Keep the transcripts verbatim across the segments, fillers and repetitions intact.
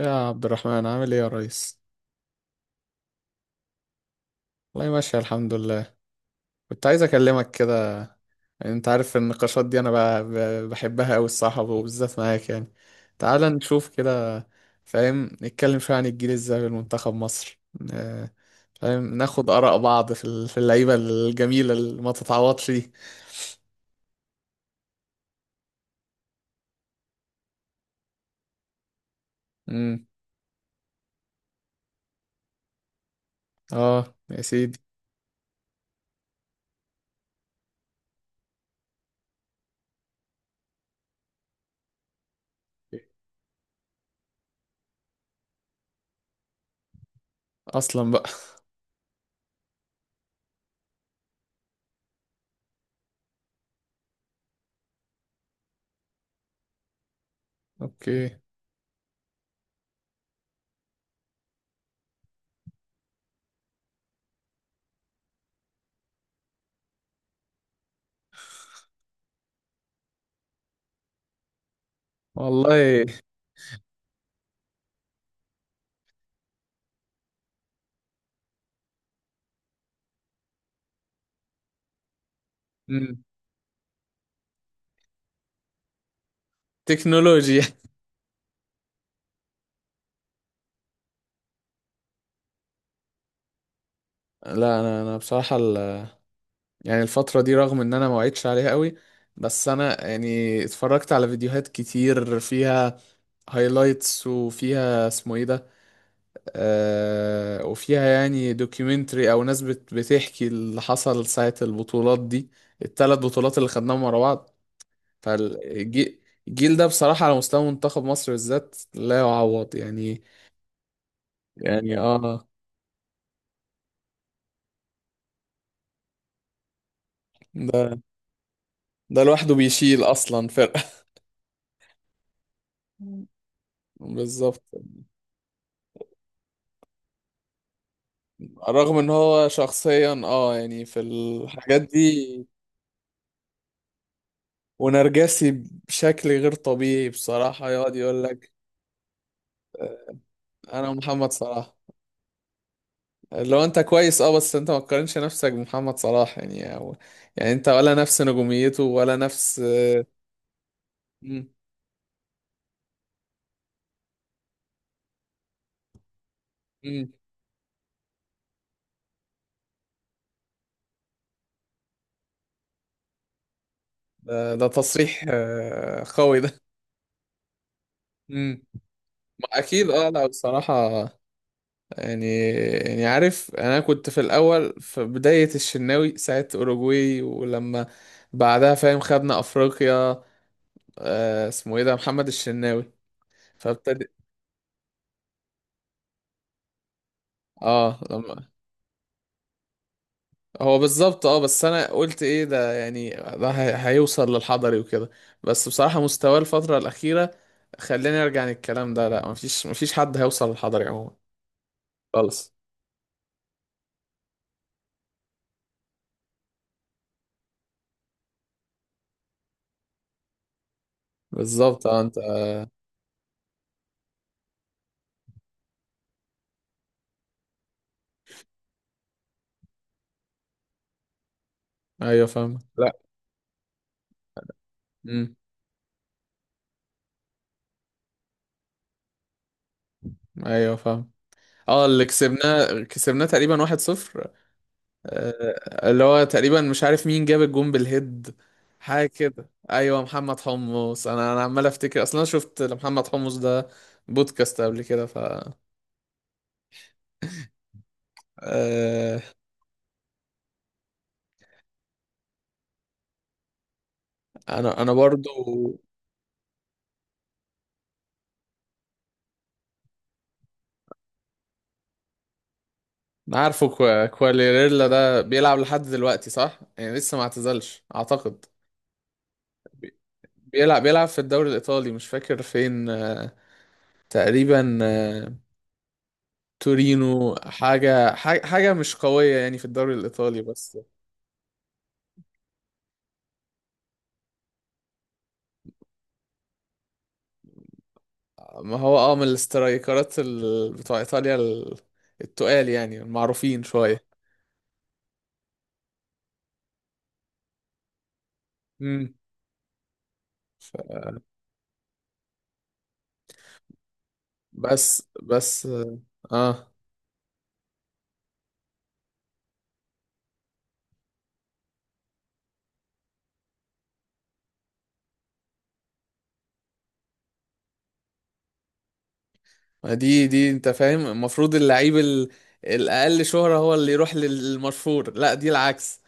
يا عبد الرحمن عامل ايه يا ريس؟ والله ماشي الحمد لله. كنت عايز اكلمك كده. يعني انت عارف النقاشات دي انا ب- ب- بحبها قوي الصراحه وبالذات معاك يعني. تعال نشوف كده. فاهم نتكلم شويه عن الجيل الذهبي لمنتخب مصر. آه، فاهم ناخد اراء بعض في ال- في اللعيبه الجميله اللي ما تتعوضش دي. امم. اه يا سيدي. اصلا بقى. اوكي. والله. مم. تكنولوجيا. لا، انا انا بصراحه يعني الفترة دي رغم ان انا ما وعدتش عليها قوي، بس انا يعني اتفرجت على فيديوهات كتير فيها هايلايتس وفيها اسمه ايه ده، آه، وفيها يعني دوكيومنتري او ناس بت بتحكي اللي حصل ساعة البطولات دي، الثلاث بطولات اللي خدناهم ورا بعض. فالجيل ده بصراحة على مستوى منتخب مصر بالذات لا يعوض يعني. يعني اه. ده ده لوحده بيشيل اصلا فرقة. بالظبط. رغم ان هو شخصيا اه يعني في الحاجات دي. ونرجسي بشكل غير طبيعي بصراحة، يقعد يقول لك، آه، انا محمد صلاح. لو انت كويس اه، بس انت ما تقارنش نفسك بمحمد صلاح يعني، أو يعني انت ولا نفس نجوميته ولا نفس. مم. مم. ده, ده تصريح آه، قوي ده. مم. ما اكيد اه. لا بصراحة يعني. يعني عارف، انا كنت في الاول في بداية الشناوي ساعة اوروجواي، ولما بعدها فاهم خدنا افريقيا، آه اسمه ايه ده، محمد الشناوي. فابتدي اه. لما هو بالظبط اه، بس انا قلت ايه ده، يعني ده هي- هيوصل للحضري وكده. بس بصراحة مستواه الفترة الأخيرة خلاني ارجع عن الكلام ده. لا، مفيش مفيش حد هيوصل للحضري عموما خالص. بالظبط اه. انت ايوه فاهم. لا. امم. ايوه فاهم. اه، اللي كسبناه كسبناه تقريبا واحد صفر. آه، اللي هو تقريبا مش عارف مين جاب الجون بالهيد، حاجة كده. ايوه، محمد حمص. انا انا عمال افتكر، اصلا انا شفت محمد حمص ده بودكاست قبل كده، ف آه، انا انا برضو عارفه. كوا- كواليريلا ده بيلعب لحد دلوقتي صح؟ يعني لسه ما اعتزلش اعتقد. بيلعب، بيلعب في الدوري الايطالي، مش فاكر فين، آه، تقريبا آه، تورينو حاجة، حاجة حاجة مش قوية يعني في الدوري الإيطالي بس. ما هو اه من الاسترايكرات ال... بتوع إيطاليا ال... التقال يعني المعروفين شوية. مم. ف... بس بس اه. ما دي دي انت فاهم، المفروض اللعيب ال... الأقل شهرة هو اللي يروح للمشهور، لا دي العكس.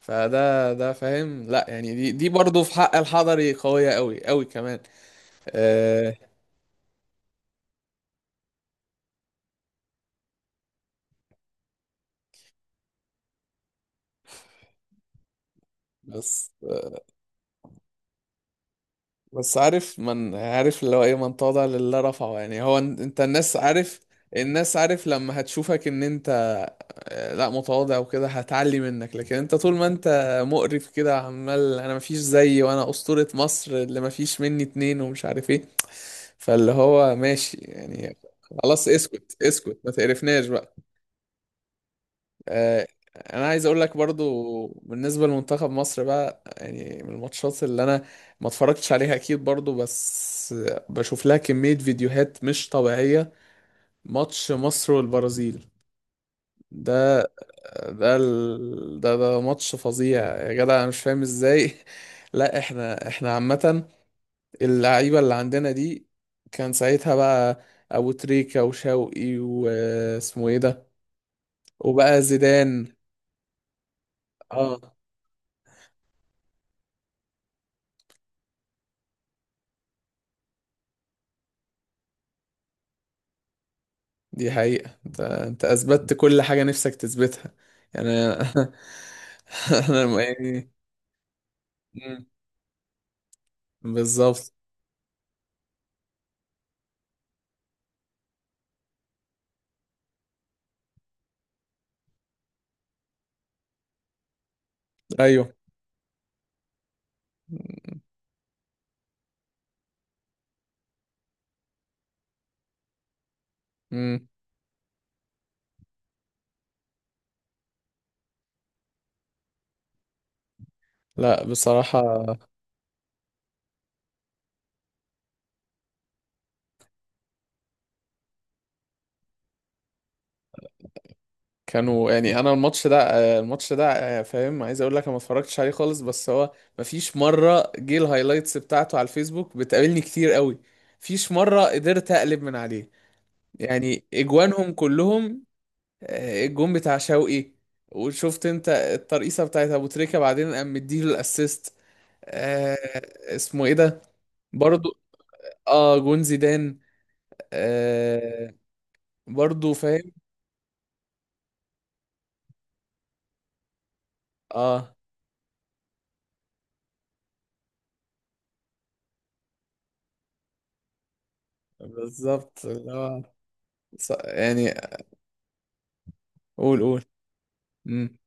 فده ده فاهم، لا يعني دي دي برضه في حق الحضري قوية قوي قوي كمان. آه. بس بس عارف، من عارف اللي هو ايه، من تواضع لله رفعه. يعني هو ان- انت الناس عارف، الناس عارف لما هتشوفك ان انت آه، لا متواضع وكده، هتعلي منك، لكن انت طول ما انت مقرف كده عمال انا مفيش زيي، وانا اسطورة مصر اللي مفيش مني اتنين، ومش عارف ايه، فاللي هو ماشي يعني. خلاص اسكت اسكت ما تقرفناش بقى. آه، انا عايز اقول لك برضو بالنسبه لمنتخب مصر بقى، يعني من الماتشات اللي انا ما اتفرجتش عليها اكيد برضو، بس بشوف لها كميه فيديوهات مش طبيعيه، ماتش مصر والبرازيل ده. ده ال... ده ده ماتش فظيع يا جدع، انا مش فاهم ازاي. لا احنا، احنا عامه اللعيبه اللي عندنا دي، كان ساعتها بقى ابو تريكه وشوقي واسمه ايه ده، وبقى زيدان. اه. دي حقيقة، انت انت اثبتت كل حاجة نفسك تثبتها يعني انا. انا م- يعني. مم. بالظبط. ايوه. مم. لا بصراحة كانوا يعني. انا الماتش ده آه، الماتش ده آه، فاهم، عايز اقول لك انا ما اتفرجتش عليه خالص، بس هو مفيش مرة جه الهايلايتس بتاعته على الفيسبوك، بتقابلني كتير قوي، مفيش مرة قدرت اقلب من عليه، يعني اجوانهم كلهم، آه، الجون بتاع شوقي، وشفت انت الترقيصه بتاعت ابو تريكه، بعدين قام مديله الاسيست، آه اسمه ايه ده برضو. اه جون زيدان. آه برضو فاهم. اه بالظبط اللي هو ص- يعني قول قول. مم.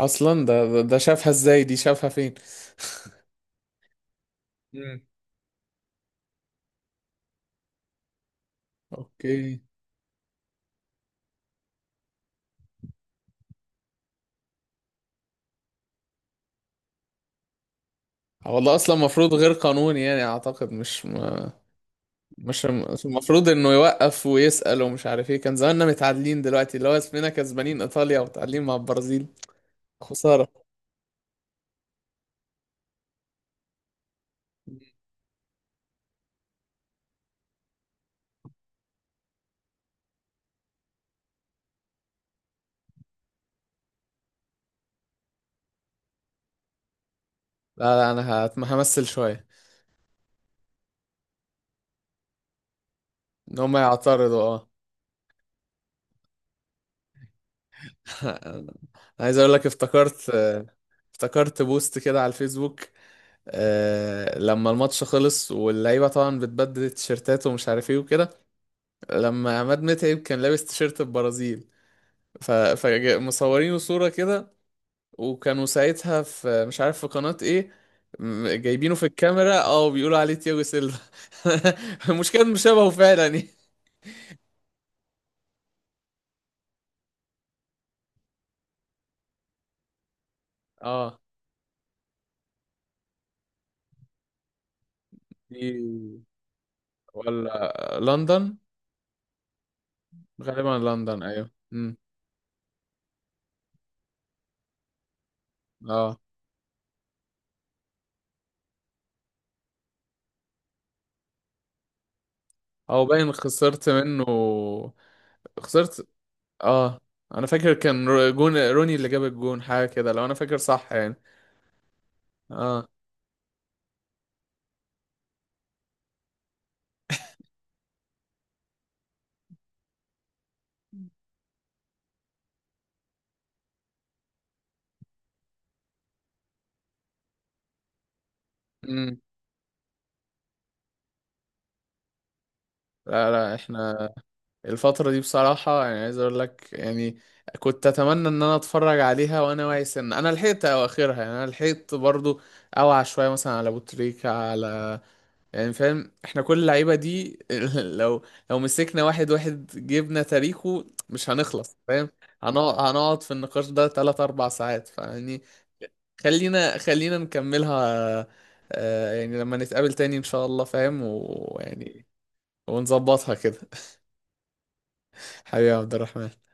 اصلا ده ده ده شافها ازاي، دي شافها فين؟ مم. اوكي. آه، والله اصلا المفروض غير قانوني يعني اعتقد، مش ما. مش مش المفروض انه يوقف ويسأل ومش عارف ايه؟ كان زماننا متعادلين دلوقتي، اللي هو اسمنا كسبانين ايطاليا ومتعادلين مع البرازيل. خسارة. لا لا انا هت- همثل شوية. ان هم يعترضوا اه. انا عايز اقول لك، افتكرت، افتكرت بوست كده على الفيسبوك، آه، لما الماتش خلص واللعيبه طبعا بتبدل تيشيرتات ومش عارف ايه وكده، لما عماد متعب كان لابس تيشيرت البرازيل، ف- فمصورينه صوره كده، وكانوا ساعتها في مش عارف في قناه ايه، م- جايبينه في الكاميرا اه بيقولوا عليه تياجو سيلفا. المشكله انه شبهه فعلا يعني. اه. دي- ولا لندن؟ غالبا لندن ايوه. امم. اه. او باين خسرت منه. خسرت اه. انا فاكر كان رو- جون روني اللي جاب الجون، حاجه كده لو انا فاكر صح يعني. اه. امم. لا لا احنا الفتره دي بصراحه، يعني عايز اقول لك يعني، كنت اتمنى ان انا اتفرج عليها وانا واعي سن، انا لحقت اواخرها، يعني انا لحقت برضو اوعى شويه مثلا على ابو تريكه على، يعني فاهم احنا كل اللعيبه دي. لو لو مسكنا واحد واحد جبنا تاريخه مش هنخلص، فاهم؟ هنقعد هنقعد في النقاش ده ثلاثة اربعة ساعات فيعني. خلينا خلينا نكملها، آه، يعني لما نتقابل تاني ان شاء الله فاهم ويعني ونظبطها كده. حبيبي يا عبد الرحمن.